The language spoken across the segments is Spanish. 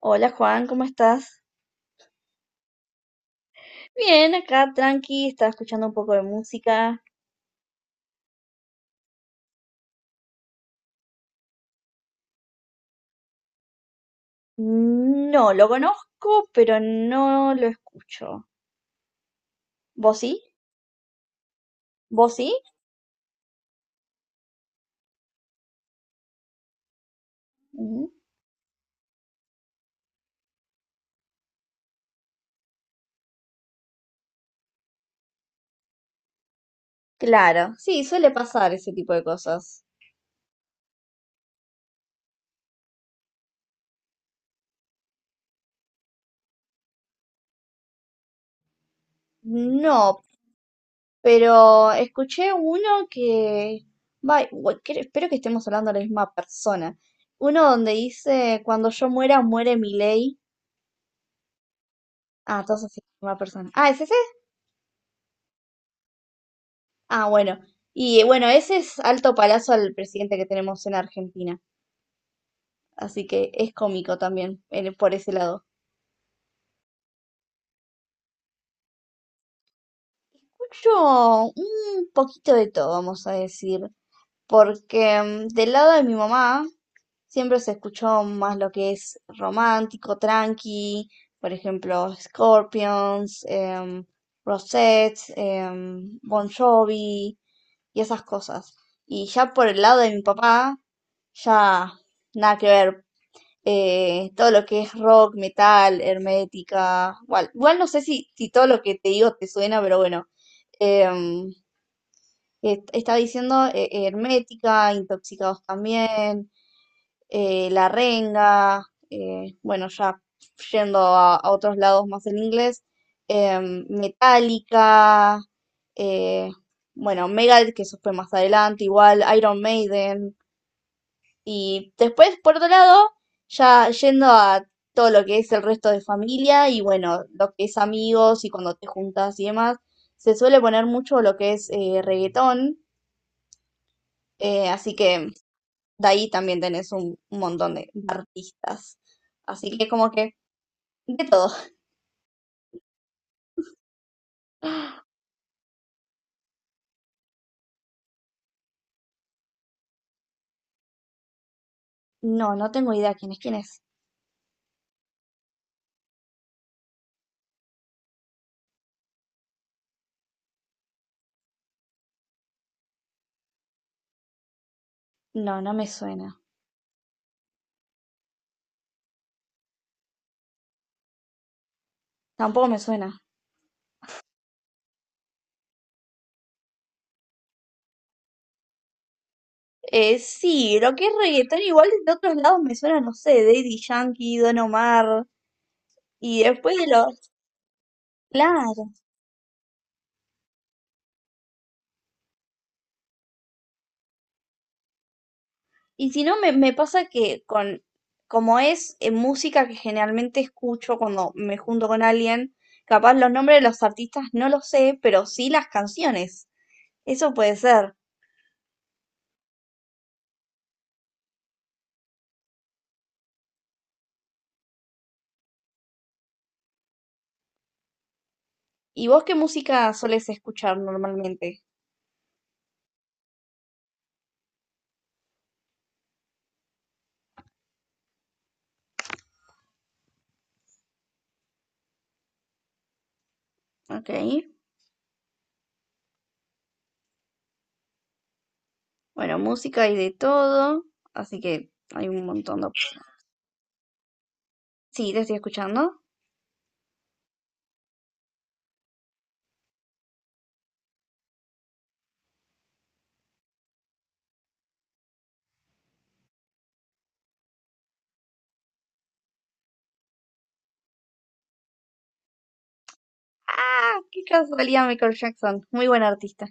Hola Juan, ¿cómo estás? Bien, acá tranqui, estaba escuchando un poco de música. No, lo conozco, pero no lo escucho. ¿Vos sí? ¿Vos sí? Mm. Claro, sí, suele pasar ese tipo de cosas. No, pero escuché uno que... espero que estemos hablando de la misma persona. Uno donde dice, cuando yo muera, muere mi ley. Ah, entonces sí, la misma persona. Ah, ¿es ese? Ah, bueno. Y bueno, ese es alto palazo al presidente que tenemos en Argentina. Así que es cómico también por ese lado. Yo, un poquito de todo, vamos a decir. Porque del lado de mi mamá siempre se escuchó más lo que es romántico, tranqui. Por ejemplo, Scorpions, Rosette, Bon Jovi y esas cosas. Y ya por el lado de mi papá, ya nada que ver, todo lo que es rock, metal, hermética, igual, igual no sé si todo lo que te digo te suena, pero bueno, em, está diciendo hermética, intoxicados también, la renga, bueno, ya yendo a otros lados más en inglés, metálica, eh, bueno, Megadeth, que eso fue más adelante, igual Iron Maiden, y después, por otro lado, ya yendo a todo lo que es el resto de familia y bueno, lo que es amigos y cuando te juntas y demás, se suele poner mucho lo que es reggaetón, así que de ahí también tenés un montón de artistas. Así que como que de todo. No, no tengo idea quién es quién es. No, no me suena. Tampoco me suena. Sí, lo que es reggaetón igual de otros lados me suena, no sé, Daddy Yankee, Don Omar y después de los... Claro. Y si no, me pasa que como es música que generalmente escucho cuando me junto con alguien, capaz los nombres de los artistas no los sé, pero sí las canciones. Eso puede ser. ¿Y vos qué música solés escuchar normalmente? Ok, bueno, música hay de todo, así que hay un montón de opciones. Sí, te estoy escuchando. Ah, qué casualidad, Michael Jackson, muy buen artista.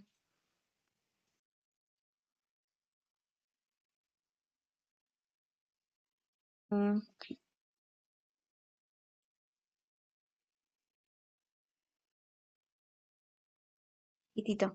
Mm. Tito.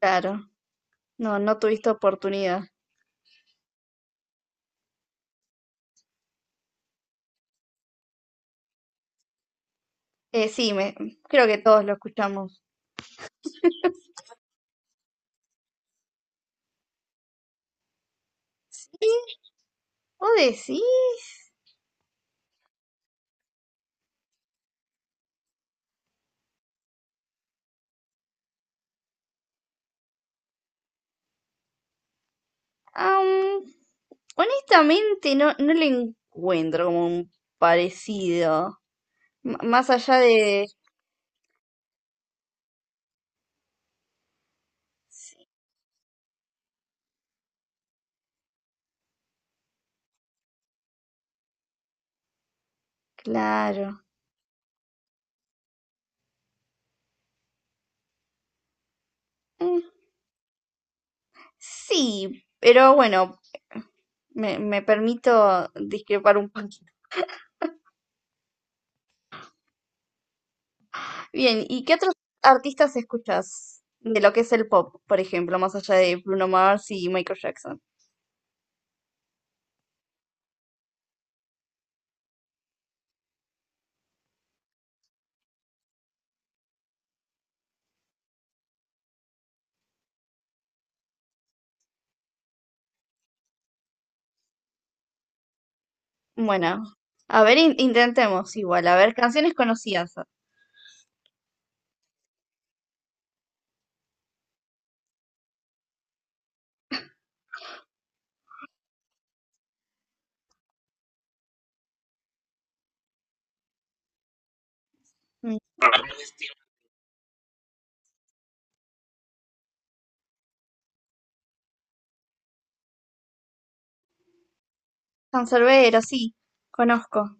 Claro, no, no tuviste oportunidad. Sí, creo que todos lo escuchamos. ¿Y vos decís? Am, honestamente, no le encuentro como un parecido. Más allá de... Sí, claro. Mm, sí, pero bueno, me permito discrepar un poquito. Bien, ¿y qué otros artistas escuchas de lo que es el pop, por ejemplo, más allá de Bruno Mars y Michael Jackson? Bueno, a ver, intentemos igual, a ver, canciones conocidas. Canserbero, sí, conozco.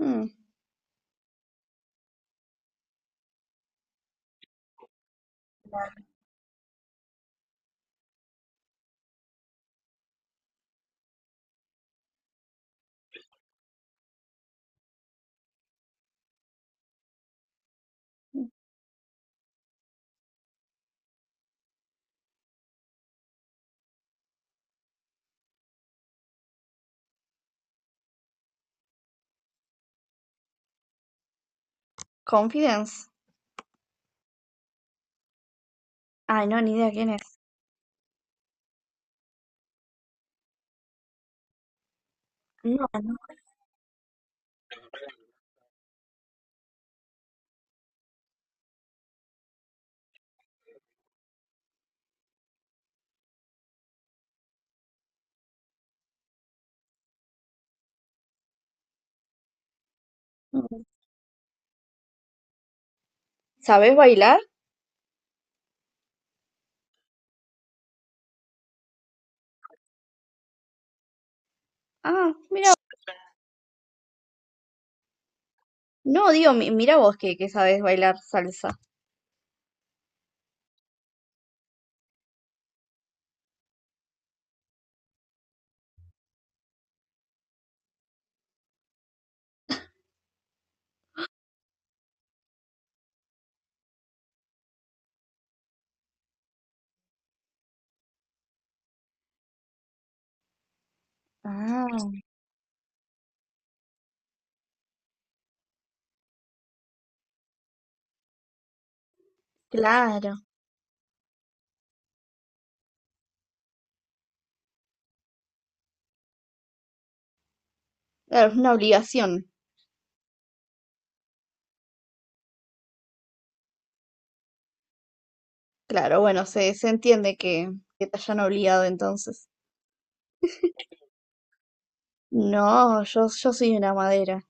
Mm. Confidence. Ay, no, ni idea quién es. No, no. Mm. ¿Sabés bailar? Ah, mira. No, digo, mira vos que sabés bailar salsa. Ah, claro. Claro, es una obligación. Claro, bueno, se entiende que te hayan obligado entonces. No, yo soy una madera.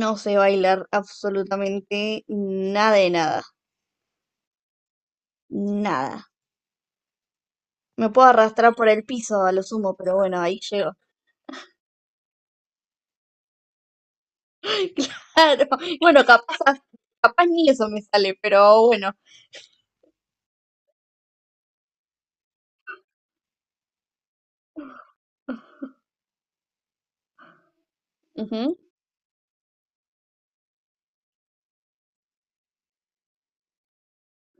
No sé bailar absolutamente nada de nada. Nada. Me puedo arrastrar por el piso a lo sumo, pero bueno, ahí llego. Claro. Bueno, capaz, capaz ni eso me sale, pero bueno. Ujú.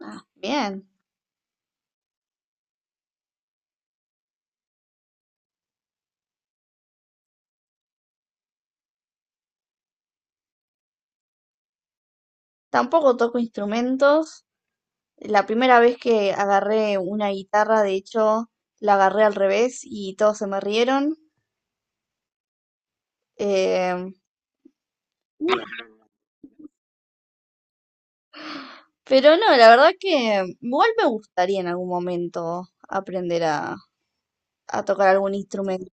Ah, bien. Tampoco toco instrumentos. La primera vez que agarré una guitarra, de hecho, la agarré al revés y todos se me rieron. Em, pero no, la verdad que igual me gustaría en algún momento aprender a tocar algún instrumento.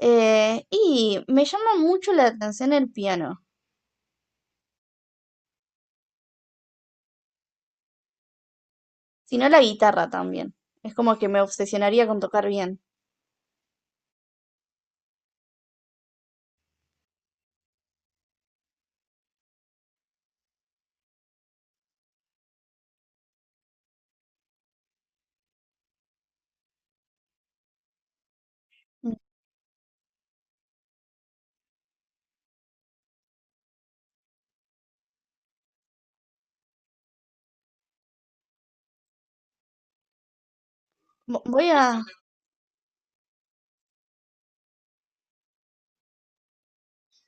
Y me llama mucho la atención el piano, si no la guitarra también. Es como que me obsesionaría con tocar bien. Vo- Voy a,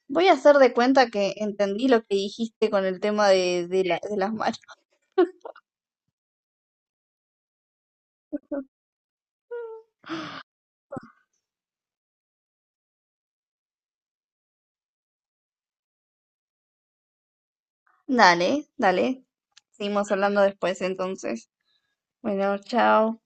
voy a hacer de cuenta que entendí lo que dijiste con el tema de de las manos. Dale, dale. Seguimos hablando después entonces. Bueno, chao.